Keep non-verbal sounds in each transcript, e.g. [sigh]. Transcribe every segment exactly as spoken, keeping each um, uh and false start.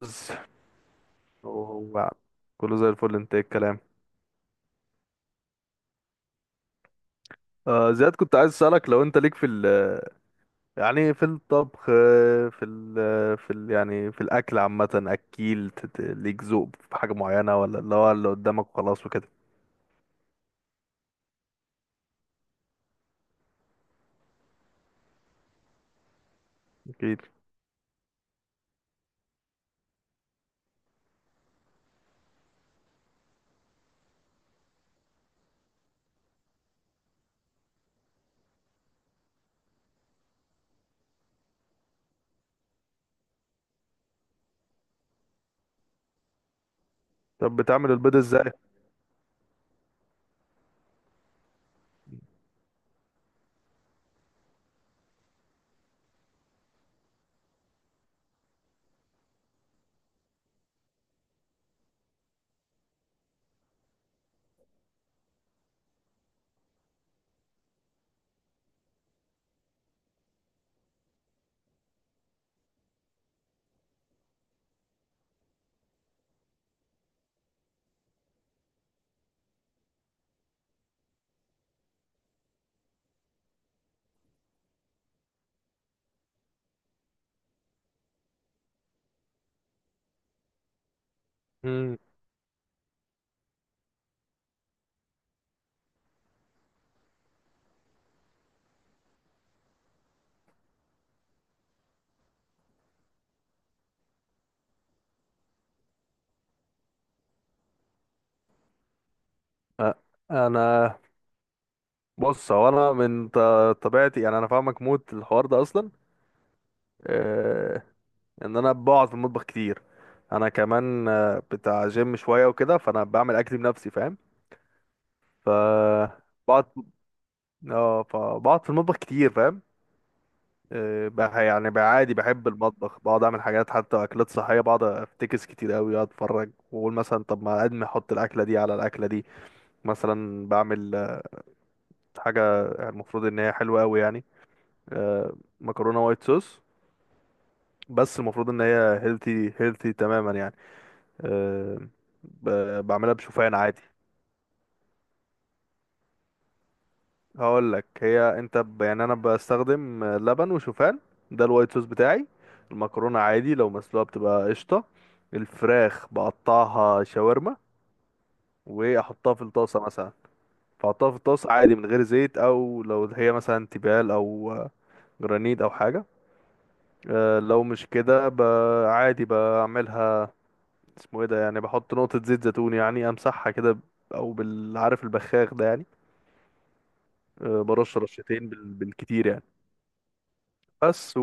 بس. وهو كله زي الفل، انت ايه الكلام؟ آه زياد، كنت عايز اسالك لو انت ليك في ال يعني في الطبخ، في ال في ال يعني في الاكل عامه، اكيل ت- ت- ليك ذوق في حاجه معينه، ولا اللي هو اللي قدامك وخلاص وكده؟ اكيد. طب بتعمل البيض ازاي؟ امم انا بص، هو انا من ط- طبيعتي يعني، انا فاهمك موت الحوار ده اصلا. آه ان انا بقعد في المطبخ كتير، انا كمان آه، بتاع جيم شويه وكده، فانا بعمل اكل بنفسي فاهم؟ ف بقعد اه فبقعد في المطبخ كتير فاهم؟ آه، بح- يعني بقى عادي، بحب المطبخ، بقعد اعمل حاجات حتى اكلات صحيه، بقعد افتكس كتير قوي، اقعد اتفرج واقول مثلا طب ما ادمي احط الاكله دي على الاكله دي. مثلا بعمل آه، حاجه يعني المفروض ان هي حلوه قوي يعني، آه، مكرونه وايت صوص، بس المفروض ان هي هيلثي هيلثي تماما يعني. آه، ب- بعملها بشوفان عادي. هقول لك، هي انت ب... يعني انا بستخدم لبن وشوفان، ده الوايت صوص بتاعي. المكرونه عادي لو مسلوقه بتبقى قشطه. الفراخ بقطعها شاورما واحطها في الطاسه مثلا. فاحطها في الطاسه عادي من غير زيت، او لو هي مثلا تيفال او جرانيت او حاجه. اه، لو مش كده ب... عادي بعملها، اسمه ايه ده يعني، بحط نقطه زيت زيتون يعني، امسحها كده ب- او بالعارف البخاخ ده يعني، اه، برش رشتين بال... بالكتير يعني. بس.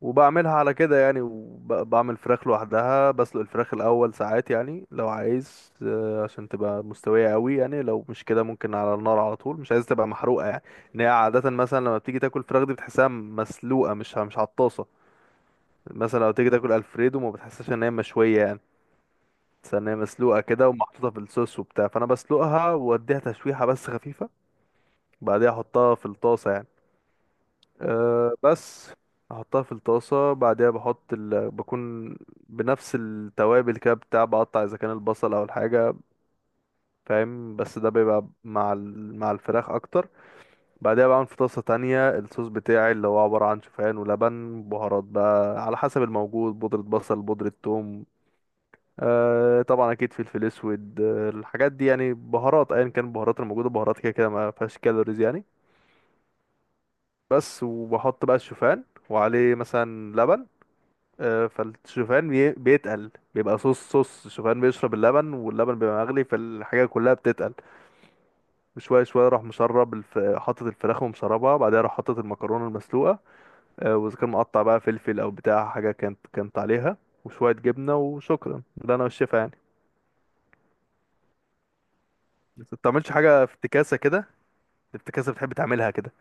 وبعملها على كده يعني. وبعمل فراخ لوحدها، بسلق الفراخ الأول ساعات يعني لو عايز آه، عشان تبقى مستوية قوي يعني، لو مش كده ممكن على النار على طول، مش عايز تبقى محروقة يعني. ان هي عادة مثلا لما بتيجي تاكل فراخ دي بتحسها مسلوقة، مش مش على الطاسة. مثلا لو تيجي تاكل الفريدو ما بتحسش ان هي مشوية يعني، بس ان هي مسلوقة كده ومحطوطة في الصوص وبتاع، فانا بسلقها واديها تشويحة بس خفيفة. بعدها احطها في الطاسة يعني. أه بس احطها في الطاسه، بعدها بحط ال... بكون بنفس التوابل كده بتاع، بقطع اذا كان البصل او الحاجه فاهم؟ بس ده بيبقى مع ال... مع الفراخ اكتر. بعدها بعمل في طاسه تانية الصوص بتاعي، اللي هو عباره عن شوفان ولبن، بهارات بقى على حسب الموجود، بودره بصل، بودره ثوم، أه طبعا اكيد فلفل اسود، أه الحاجات دي يعني، بهارات ايا كان البهارات الموجوده، بهارات كده كده ما فيهاش كالوريز يعني. بس. وبحط بقى الشوفان وعليه مثلا لبن. آه، فالشوفان بي- بيتقل بيبقى صوص، صوص الشوفان بيشرب اللبن، واللبن بيبقى مغلي، فالحاجة كلها بتتقل. وشوية شوية راح مشرب الف... حاطط الفراخ ومشربها، بعدها راح حاطط المكرونة المسلوقة. آه، وإذا كان مقطع بقى فلفل أو بتاع حاجة كانت كانت عليها وشوية جبنة وشكرا، ده أنا والشيف يعني. بس متعملش حاجة في افتكاسة كده؟ افتكاسة بتحب تعملها كده؟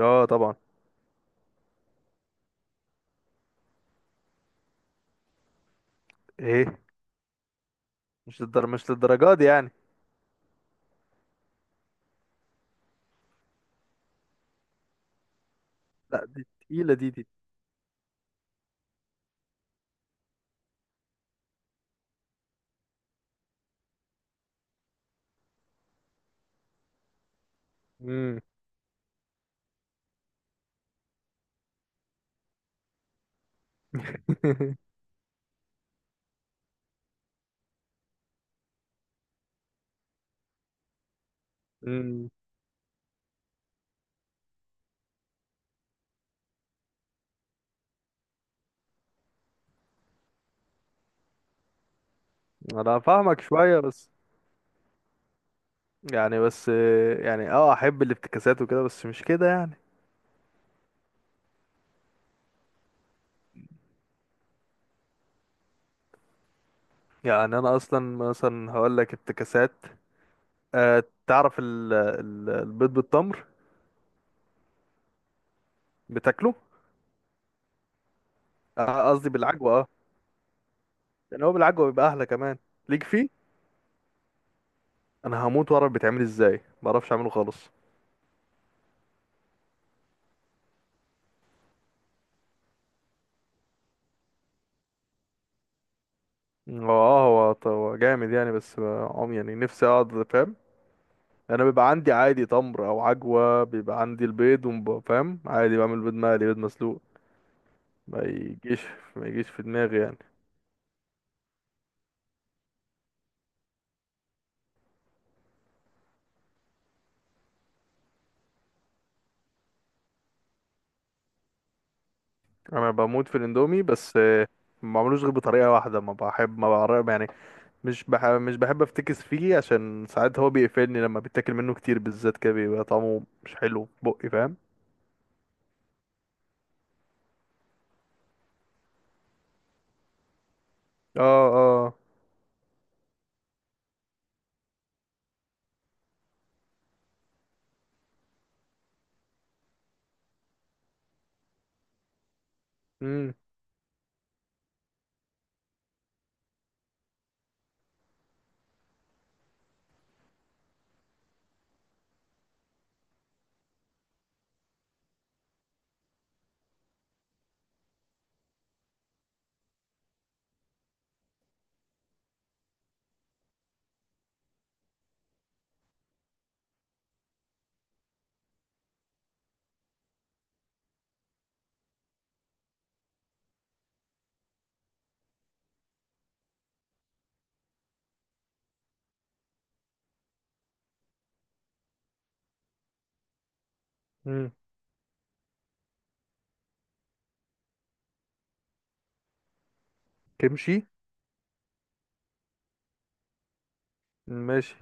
اه طبعا. ايه؟ مش للدر... مش للدرجات دي يعني. لا، دي تقيلة، دي دي مم. مم. [laughs] انا فاهمك شوية بس. يعني بس، يعني اه احب الافتكاسات وكده، بس مش كده يعني. يعني انا اصلا مثلا هقول لك افتكاسات، أه تعرف ال ال البيض بالتمر بتاكله؟ آه، قصدي بالعجوه اه. يعني هو بالعجوه بيبقى احلى كمان، ليك فيه؟ انا هموت واعرف بيتعمل ازاي، ما اعرفش اعمله خالص. هو اه، هو ط- هو جامد يعني، بس عم يعني نفسي اقعد فاهم. انا بيبقى عندي عادي تمر او عجوه، بيبقى عندي البيض وب- فاهم؟ عادي بعمل بيض مقلي، بيض مسلوق، ما يجيش ما يجيش في دماغي يعني. انا بموت في الاندومي، بس آه، ما بعملوش غير بطريقه واحده، ما بحب ما بعرف يعني، مش بح... مش بحب افتكس فيه عشان ساعات هو بيقفلني، لما بيتاكل منه كتير بالذات كده بيبقى طعمه مش حلو في بقي فاهم؟ اه. اه. امم. امم. كمشي. ماشي.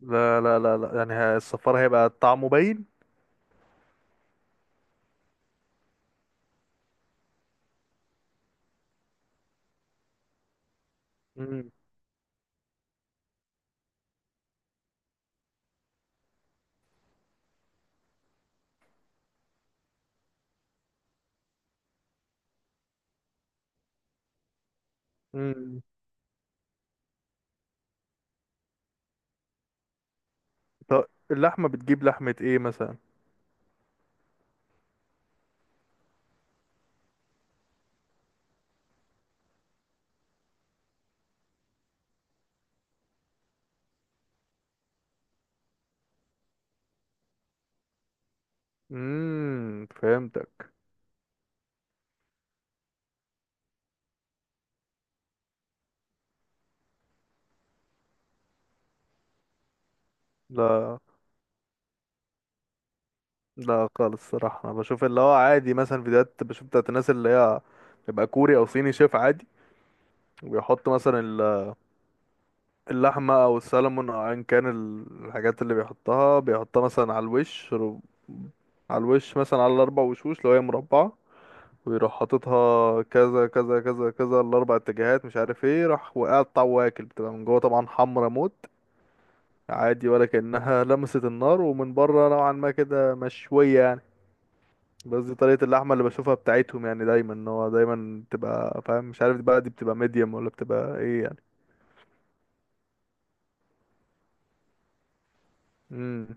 لا لا لا لا يعني ه- الصفار هيبقى طعمه باين. امم. امم. طب اللحمه بتجيب لحمه ايه مثلا؟ امم، فهمتك. لا لا خالص، الصراحة انا بشوف اللي هو عادي مثلا فيديوهات بشوف بتاعت الناس اللي هي بيبقى كوري او صيني شيف عادي، وبيحط مثلا ال- اللحمة او السلمون او ايا كان ال- الحاجات اللي بيحطها، بيحطها مثلا على الوش رو- على الوش، مثلا على الاربع وشوش لو هي مربعة، ويروح حاططها كذا كذا كذا كذا، الاربع اتجاهات مش عارف ايه، راح وقطع واكل، بتبقى من جوه طبعا حمرا موت عادي، ولا كأنها لمست النار، ومن بره نوعا ما كده مشوية يعني. قصدي طريقة اللحمة اللي بشوفها بتاعتهم يعني دايما ان هو دايما بتبقى فاهم، مش عارف بقى دي بتبقى ميديوم ولا بتبقى ايه يعني. امم.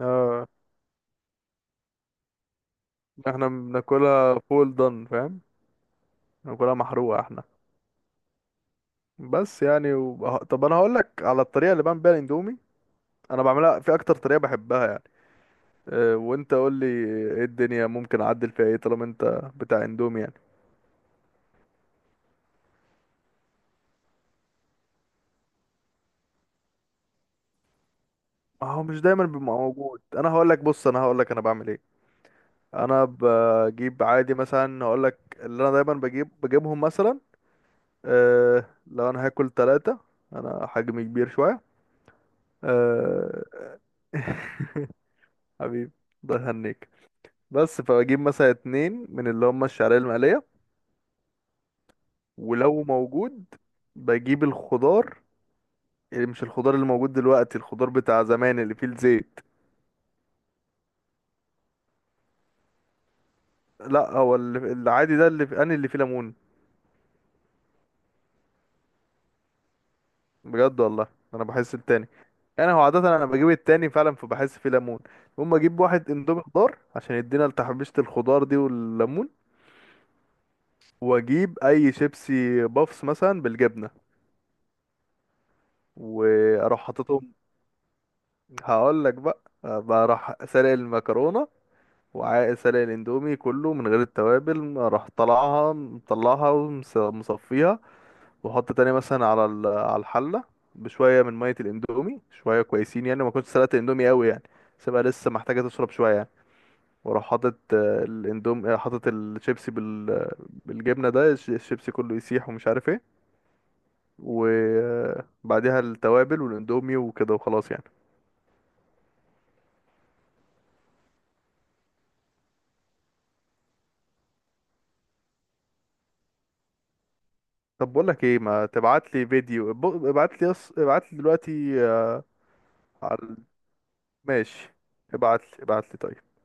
اه احنا بناكلها فول دون فاهم، بناكلها محروقة احنا. بس يعني و... طب انا هقول لك على الطريقة اللي بعمل بيها الاندومي، انا بعملها في اكتر طريقة بحبها يعني. أه وانت قول لي ايه الدنيا ممكن اعدل فيها ايه، طالما انت بتاع اندومي يعني. ما هو مش دايما بيبقى موجود، انا هقول لك بص، انا هقول لك انا بعمل ايه. انا بجيب عادي مثلا، اقول لك اللي انا دايما بجيب، بجيبهم مثلا أه، لو انا هاكل ثلاثة، انا حجمي كبير شوية أه. [laughs] حبيبي ده هنيك. بس فبجيب مثلا اتنين من اللي هم الشعرية المقلية، ولو موجود بجيب الخضار، يعني مش الخضار اللي موجود دلوقتي، الخضار بتاع زمان اللي فيه الزيت. لا، هو اللي العادي ده اللي في- انا اللي فيه ليمون، بجد والله. انا بحس التاني، انا هو عاده انا بجيب التاني فعلا، فبحس فيه ليمون. اقوم اجيب واحد اندومي خضار عشان يدينا لتحبيشه الخضار دي والليمون، واجيب اي شيبسي بافس مثلا بالجبنه، واروح حاططهم. هقول لك بقى، بروح سالق المكرونه وسالق الاندومي كله من غير التوابل، اروح طلعها مطلعها ومصفيها، واحط تاني مثلا على ال- على الحله بشويه من ميه الاندومي، شويه كويسين يعني، ما كنتش سلقت الاندومي قوي يعني، سيبها لسه محتاجه تشرب شويه يعني. واروح حاطط آه، الاندوم آه، حاطط الشيبسي بال بالجبنه ده، الش- الشيبسي كله يسيح ومش عارف ايه، وبعديها التوابل والاندومي وكده وخلاص يعني. طب بقول لك ايه، ما تبعت لي فيديو، ابعت لي ابعت لي دلوقتي آه، على ال- ماشي. ابعت لي ابعت لي طيب.